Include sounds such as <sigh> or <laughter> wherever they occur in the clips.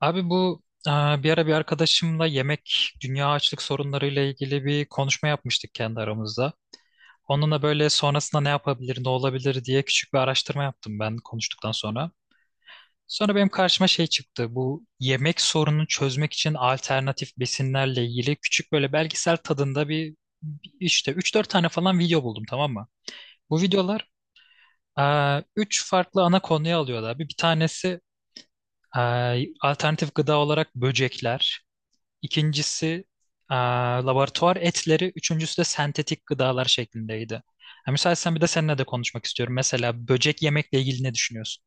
Abi bu bir ara bir arkadaşımla yemek dünya açlık sorunlarıyla ilgili bir konuşma yapmıştık kendi aramızda. Onunla böyle sonrasında ne yapabilir, ne olabilir diye küçük bir araştırma yaptım ben konuştuktan sonra. Sonra benim karşıma şey çıktı. Bu yemek sorununu çözmek için alternatif besinlerle ilgili küçük böyle belgesel tadında bir işte üç dört tane falan video buldum, tamam mı? Bu videolar e, 3 farklı ana konuya alıyordu abi. Bir tanesi alternatif gıda olarak böcekler. İkincisi e, laboratuvar etleri, üçüncüsü de sentetik gıdalar şeklindeydi. Ha, müsaitsen bir de seninle de konuşmak istiyorum. Mesela böcek yemekle ilgili ne düşünüyorsun?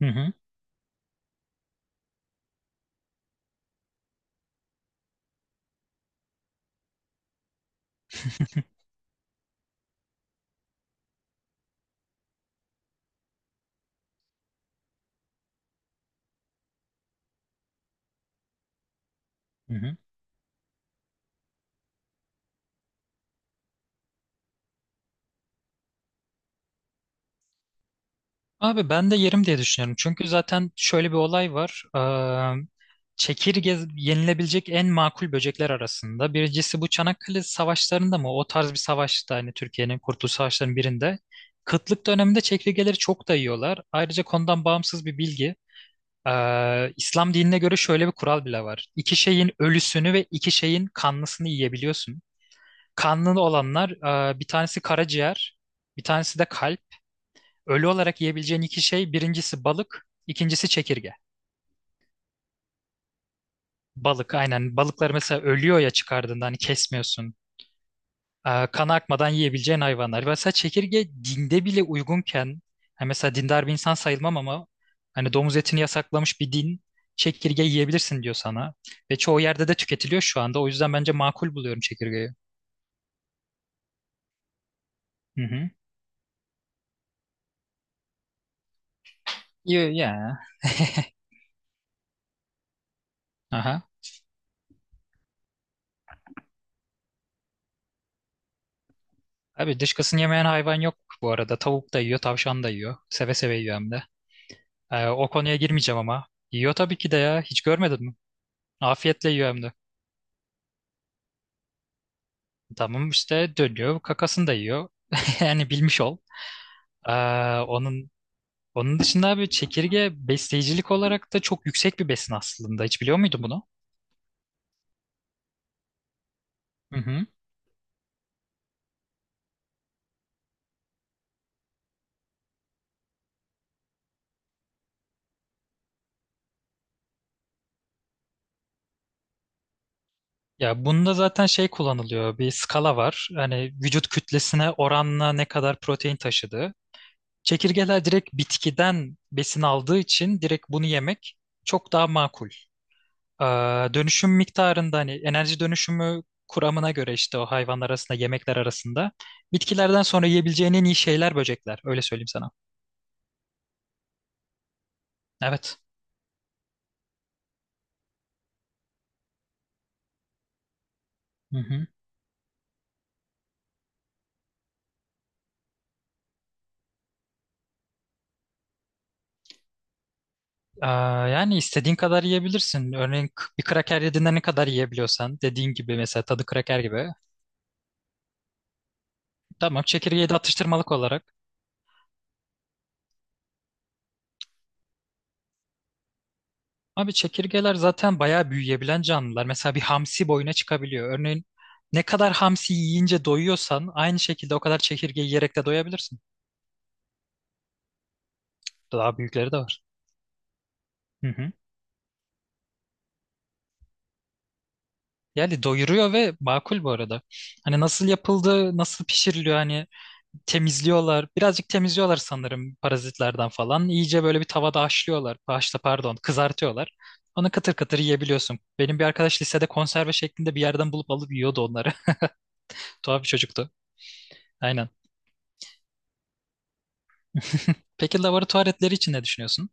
Hı hı, hı hı. Abi ben de yerim diye düşünüyorum. Çünkü zaten şöyle bir olay var. Çekirge yenilebilecek en makul böcekler arasında. Birincisi bu Çanakkale savaşlarında mı? O tarz bir savaşta hani Türkiye'nin Kurtuluş Savaşları'nın birinde. Kıtlık döneminde çekirgeleri çok da yiyorlar. Ayrıca konudan bağımsız bir bilgi. İslam dinine göre şöyle bir kural bile var. İki şeyin ölüsünü ve iki şeyin kanlısını yiyebiliyorsun. Kanlı olanlar bir tanesi karaciğer, bir tanesi de kalp. Ölü olarak yiyebileceğin iki şey, birincisi balık, ikincisi çekirge. Balık aynen. Balıklar mesela ölüyor ya çıkardığında hani kesmiyorsun. Kan akmadan yiyebileceğin hayvanlar. Mesela çekirge dinde bile uygunken, yani mesela dindar bir insan sayılmam ama hani domuz etini yasaklamış bir din çekirge yiyebilirsin diyor sana. Ve çoğu yerde de tüketiliyor şu anda. O yüzden bence makul buluyorum çekirgeyi. Hı hı. Yiyor ya. Aha. Abi dışkısını yemeyen hayvan yok bu arada. Tavuk da yiyor, tavşan da yiyor. Seve seve yiyor hem de. O konuya girmeyeceğim ama. Yiyor tabii ki de ya. Hiç görmedin mi? Afiyetle yiyor hem de. Tamam işte dönüyor, kakasını da yiyor. <laughs> Yani bilmiş ol. Aa, onun dışında abi çekirge besleyicilik olarak da çok yüksek bir besin aslında. Hiç biliyor muydun bunu? Hı hı. Ya bunda zaten şey kullanılıyor. Bir skala var. Hani vücut kütlesine oranla ne kadar protein taşıdığı. Çekirgeler direkt bitkiden besin aldığı için direkt bunu yemek çok daha makul. Aa, dönüşüm miktarında hani enerji dönüşümü kuramına göre işte o hayvanlar arasında, yemekler arasında bitkilerden sonra yiyebileceğin en iyi şeyler böcekler. Öyle söyleyeyim sana. Evet. Hı hı. Aa, yani istediğin kadar yiyebilirsin. Örneğin bir kraker yediğinde ne kadar yiyebiliyorsan, dediğin gibi, mesela tadı kraker gibi. Tamam, çekirgeyi de atıştırmalık olarak. Abi çekirgeler zaten bayağı büyüyebilen canlılar. Mesela bir hamsi boyuna çıkabiliyor. Örneğin ne kadar hamsi yiyince doyuyorsan aynı şekilde o kadar çekirge yiyerek de doyabilirsin. Daha büyükleri de var. Hı hı. Yani doyuruyor ve makul bu arada. Hani nasıl yapıldığı, nasıl pişiriliyor, hani temizliyorlar. Birazcık temizliyorlar sanırım parazitlerden falan. İyice böyle bir tavada haşlıyorlar. Haşla pardon, kızartıyorlar. Onu kıtır kıtır yiyebiliyorsun. Benim bir arkadaş lisede konserve şeklinde bir yerden bulup alıp yiyordu onları. <laughs> Tuhaf bir çocuktu. Aynen. <laughs> Peki laboratuvar etleri için ne düşünüyorsun?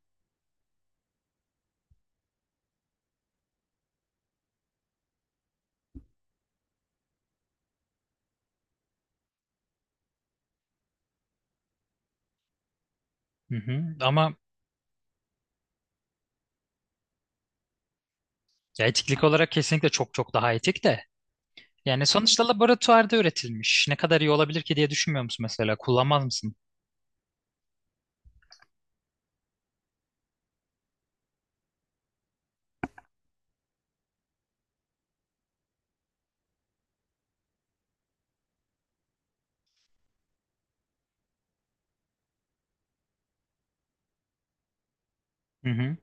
Hı hı. Ama ya etiklik olarak kesinlikle çok çok daha etik de. Yani sonuçta laboratuvarda üretilmiş. Ne kadar iyi olabilir ki diye düşünmüyor musun mesela? Kullanmaz mısın? Hı hı.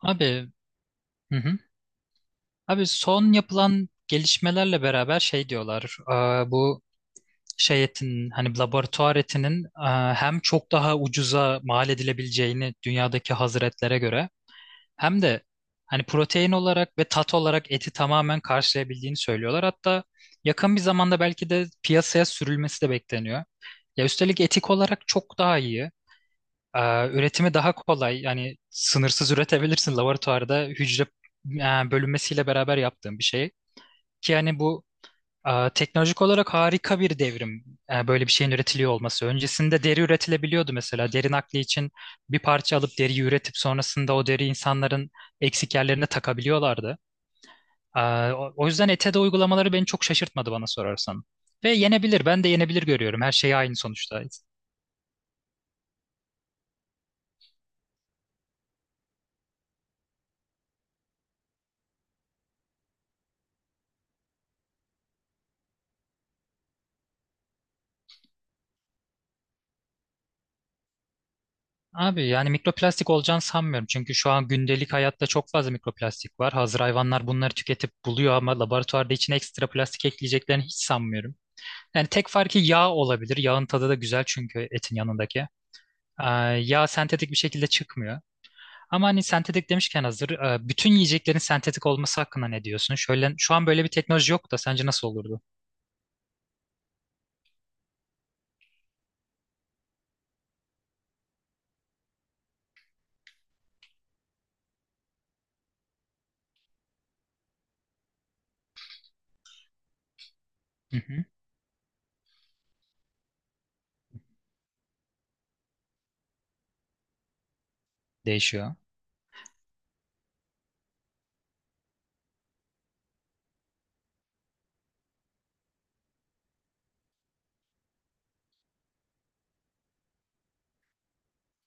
Abi, hı hı. Abi son yapılan gelişmelerle beraber şey diyorlar. Bu şey etinin, hani laboratuvar etinin, hem çok daha ucuza mal edilebileceğini dünyadaki hazır etlere göre, hem de hani protein olarak ve tat olarak eti tamamen karşılayabildiğini söylüyorlar. Hatta yakın bir zamanda belki de piyasaya sürülmesi de bekleniyor. Ya üstelik etik olarak çok daha iyi. E, Üretimi daha kolay. Yani sınırsız üretebilirsin laboratuvarda, hücre bölünmesiyle beraber yaptığın bir şey. Ki yani bu teknolojik olarak harika bir devrim, böyle bir şeyin üretiliyor olması. Öncesinde deri üretilebiliyordu mesela. Deri nakli için bir parça alıp deriyi üretip sonrasında o deri insanların eksik yerlerine takabiliyorlardı. E, o yüzden ete de uygulamaları beni çok şaşırtmadı bana sorarsan. Ve yenebilir. Ben de yenebilir görüyorum. Her şey aynı sonuçta. Abi yani mikroplastik olacağını sanmıyorum. Çünkü şu an gündelik hayatta çok fazla mikroplastik var. Hazır hayvanlar bunları tüketip buluyor ama laboratuvarda içine ekstra plastik ekleyeceklerini hiç sanmıyorum. Yani tek farkı yağ olabilir. Yağın tadı da güzel çünkü, etin yanındaki. Ee, yağ sentetik bir şekilde çıkmıyor. Ama hani sentetik demişken hazır, bütün yiyeceklerin sentetik olması hakkında ne diyorsun? Şöyle, şu an böyle bir teknoloji yok da sence nasıl olurdu? Hı hı, değişiyor.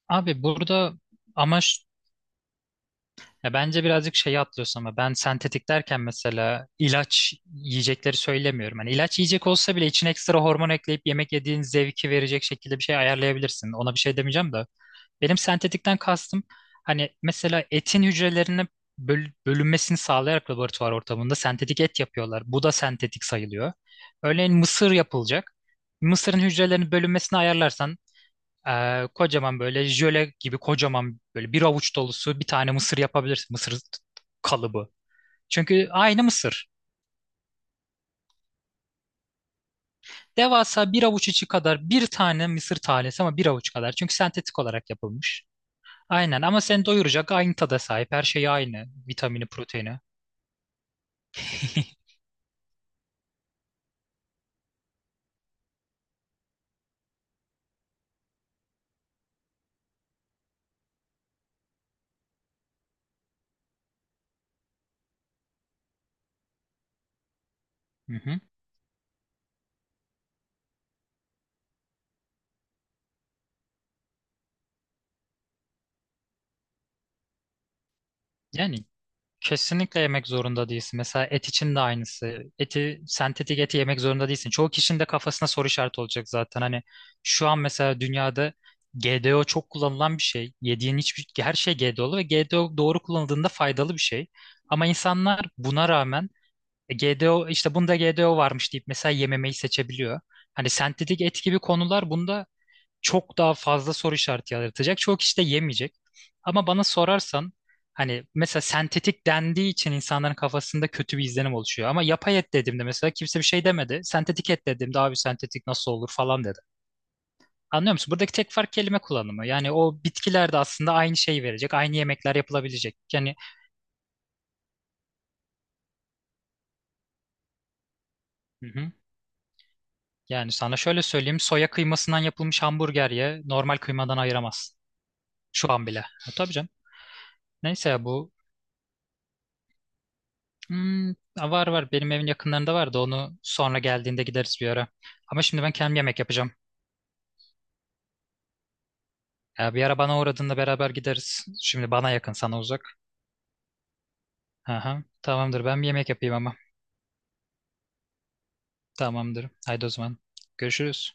Abi burada amaç. Ya bence birazcık şeyi atlıyorsun ama, ben sentetik derken mesela ilaç yiyecekleri söylemiyorum. Hani ilaç yiyecek olsa bile içine ekstra hormon ekleyip yemek yediğin zevki verecek şekilde bir şey ayarlayabilirsin. Ona bir şey demeyeceğim de. Benim sentetikten kastım, hani mesela etin hücrelerinin bölünmesini sağlayarak laboratuvar ortamında sentetik et yapıyorlar. Bu da sentetik sayılıyor. Örneğin mısır yapılacak. Mısırın hücrelerinin bölünmesini ayarlarsan kocaman böyle jöle gibi, kocaman böyle bir avuç dolusu bir tane mısır yapabilirsin. Mısır kalıbı. Çünkü aynı mısır. Devasa bir avuç içi kadar bir tane mısır tanesi ama bir avuç kadar. Çünkü sentetik olarak yapılmış. Aynen, ama seni doyuracak, aynı tada sahip. Her şey aynı. Vitamini, proteini. Hı hı. Yani kesinlikle yemek zorunda değilsin. Mesela et için de aynısı. Eti, sentetik eti yemek zorunda değilsin. Çoğu kişinin de kafasına soru işareti olacak zaten. Hani şu an mesela dünyada GDO çok kullanılan bir şey. Yediğin hiçbir her şey GDO'lu ve GDO doğru kullanıldığında faydalı bir şey. Ama insanlar buna rağmen GDO, işte bunda GDO varmış deyip mesela yememeyi seçebiliyor. Hani sentetik et gibi konular bunda çok daha fazla soru işareti yaratacak. Çok işte yemeyecek. Ama bana sorarsan, hani mesela sentetik dendiği için insanların kafasında kötü bir izlenim oluşuyor. Ama yapay et dediğimde mesela kimse bir şey demedi. Sentetik et dediğimde abi sentetik nasıl olur falan dedi. Anlıyor musun? Buradaki tek fark kelime kullanımı. Yani o bitkiler de aslında aynı şeyi verecek. Aynı yemekler yapılabilecek. Yani, hı hı. Yani sana şöyle söyleyeyim. Soya kıymasından yapılmış hamburger ye, normal kıymadan ayıramazsın. Şu an bile. Ha, tabii canım. Neyse ya bu, Hmm, var var benim evin yakınlarında vardı, onu sonra geldiğinde gideriz bir ara. Ama şimdi ben kendim yemek yapacağım. Ya bir ara bana uğradığında beraber gideriz. Şimdi bana yakın, sana uzak. Aha, tamamdır, ben bir yemek yapayım ama. Tamamdır. Haydi o zaman. Görüşürüz.